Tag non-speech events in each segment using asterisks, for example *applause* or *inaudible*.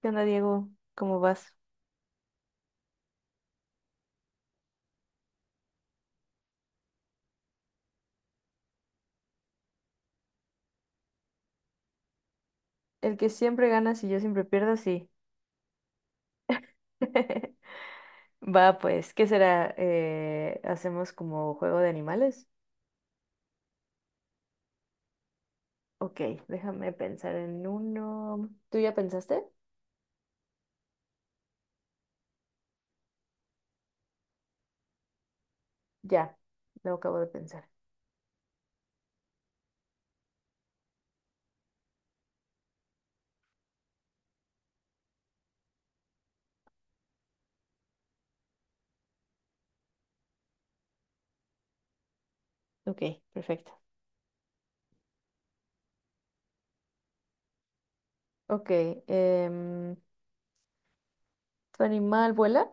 ¿Qué onda, Diego? ¿Cómo vas? El que siempre ganas y yo siempre pierdo, sí. *laughs* Va, pues, ¿qué será? ¿Hacemos como juego de animales? Ok, déjame pensar en uno. ¿Tú ya pensaste? Ya, lo acabo de pensar. Ok, perfecto. Ok, em, ¿Tu animal vuela?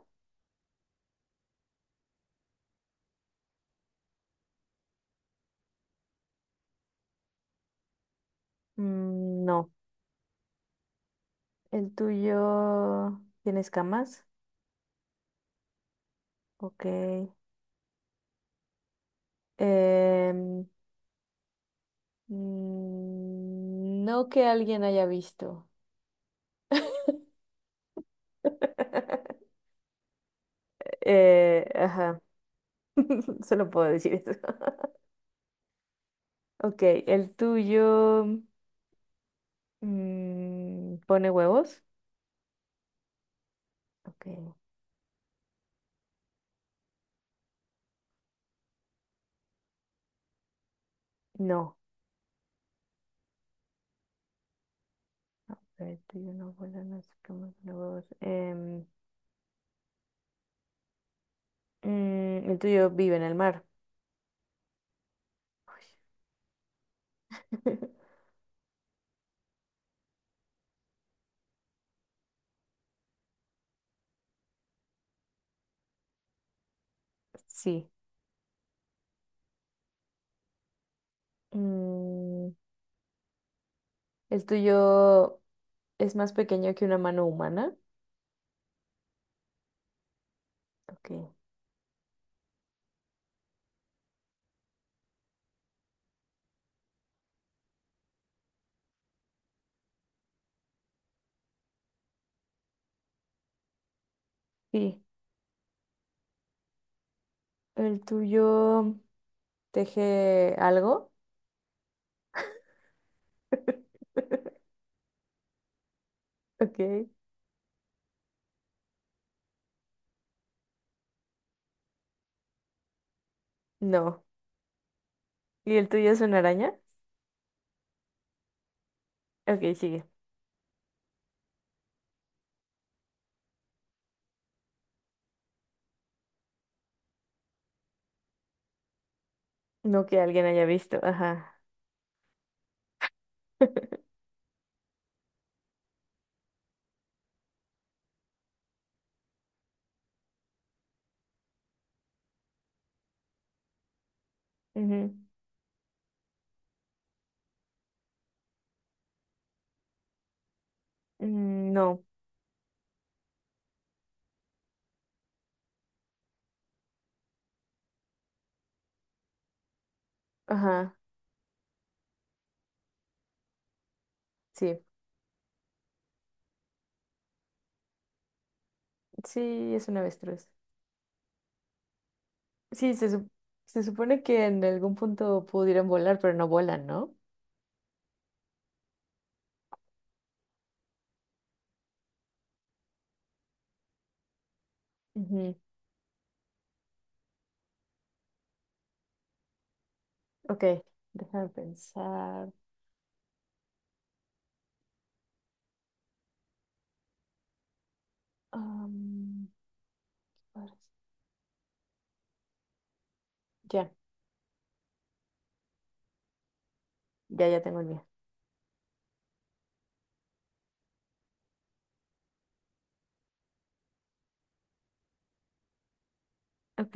Mm, no. ¿El tuyo tiene escamas? Ok. Em, no que alguien haya visto. *laughs* *laughs* Ajá, *laughs* solo puedo decir eso. *laughs* Ok, el tuyo pone huevos. Ok, no. A ver, el tuyo no vuela, no sé cómo pone huevos. El tuyo vive en el mar. Uy. *laughs* Sí. Mm, el tuyo es más pequeño que una mano humana. Ok, sí. El tuyo teje algo. *laughs* Ok, no. ¿Y el tuyo es una araña? Ok, sigue. No que alguien haya visto, ajá. *laughs* Ujú. Mm, no, ajá, sí. Sí, es un avestruz. Sí, se supone que en algún punto pudieran volar, pero no volan, ¿no? Ujú. Ok, déjame pensar. Am, ahora sí. ya, ya tengo el mío. Ok,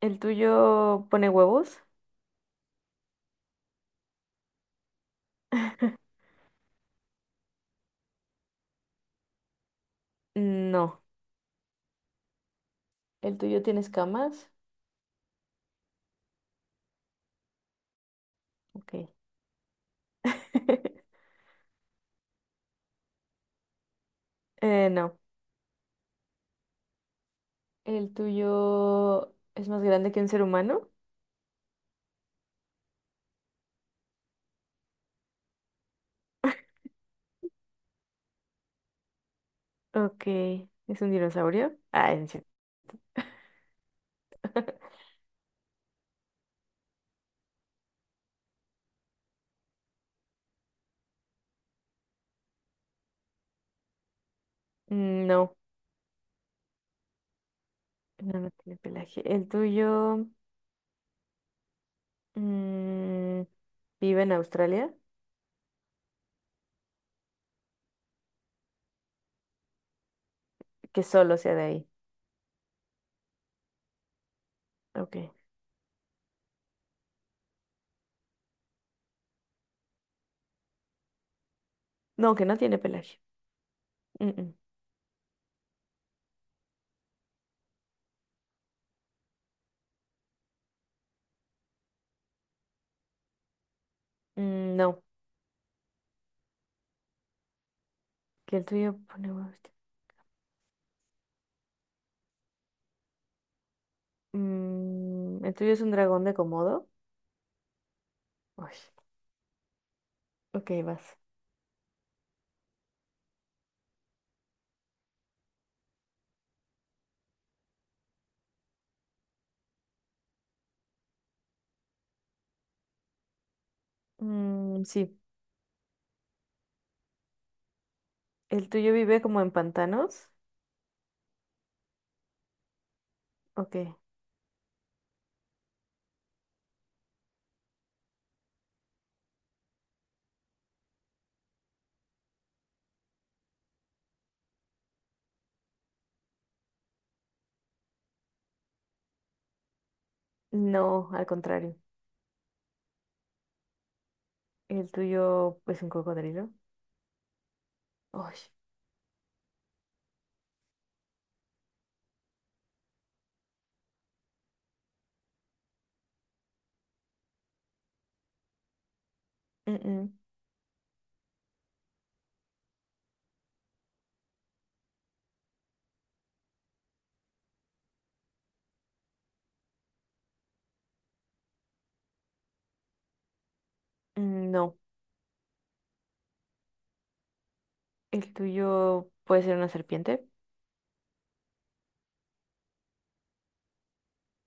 ¿el tuyo pone huevos? No. ¿El tuyo tiene escamas? Ok. *laughs* No. ¿El tuyo es más grande que un ser humano? Ok. ¿Es un dinosaurio? Ah, en serio. Mm, no, no, no tiene pelaje. ¿El tuyo mm, vive en Australia? Que solo sea de ahí. Ok. No, que no tiene pelaje. Mm, mm. Mm, no, que el tuyo pone huevos. Mm, ¿el tuyo es un dragón de Komodo? Uy, ok, vas. Mm, sí. ¿El tuyo vive como en pantanos? Ok. No, al contrario. El tuyo, pues un cocodrilo. Ay, mm, mm, no. El tuyo puede ser una serpiente.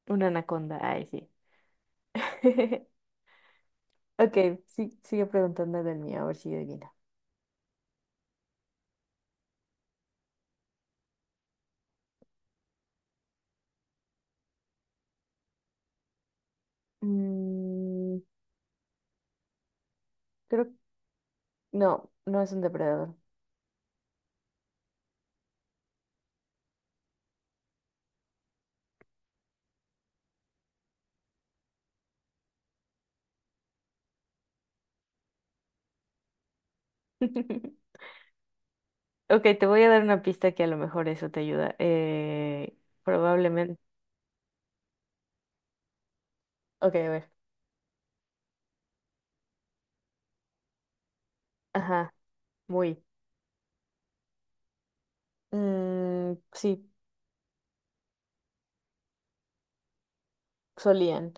Una anaconda. Ay, sí. *laughs* Ok, sí, sigue preguntando del mío, a ver si adivina. Mm, creo no, no es un depredador. *laughs* Ok, te voy a dar una pista que a lo mejor eso te ayuda. Probablemente. Ok, a ver. Ajá, muy. Mm, sí, solían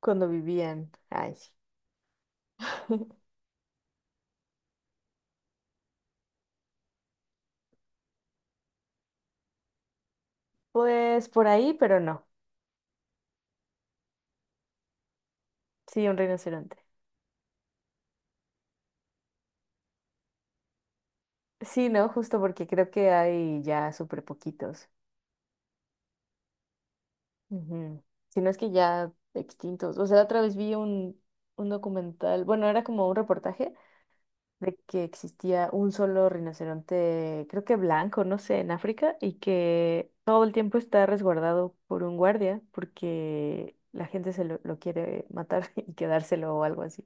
cuando vivían. Ay, sí. *laughs* Pues por ahí, pero no. Sí, un rinoceronte. Sí, no, justo porque creo que hay ya súper poquitos. Ujú. Si no es que ya extintos. O sea, otra vez vi un documental, bueno, era como un reportaje de que existía un solo rinoceronte, creo que blanco, no sé, en África, y que todo el tiempo está resguardado por un guardia porque la gente lo quiere matar *laughs* y quedárselo o algo así.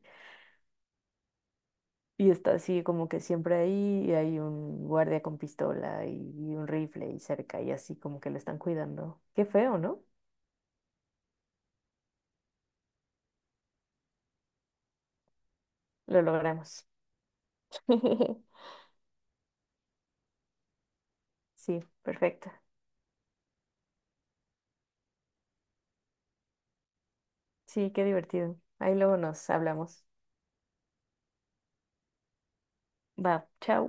Y está así como que siempre ahí y hay un guardia con pistola y un rifle y cerca y así como que lo están cuidando. Qué feo, ¿no? Lo logramos. *laughs* Sí, perfecto. Sí, qué divertido. Ahí luego nos hablamos. Va, chao.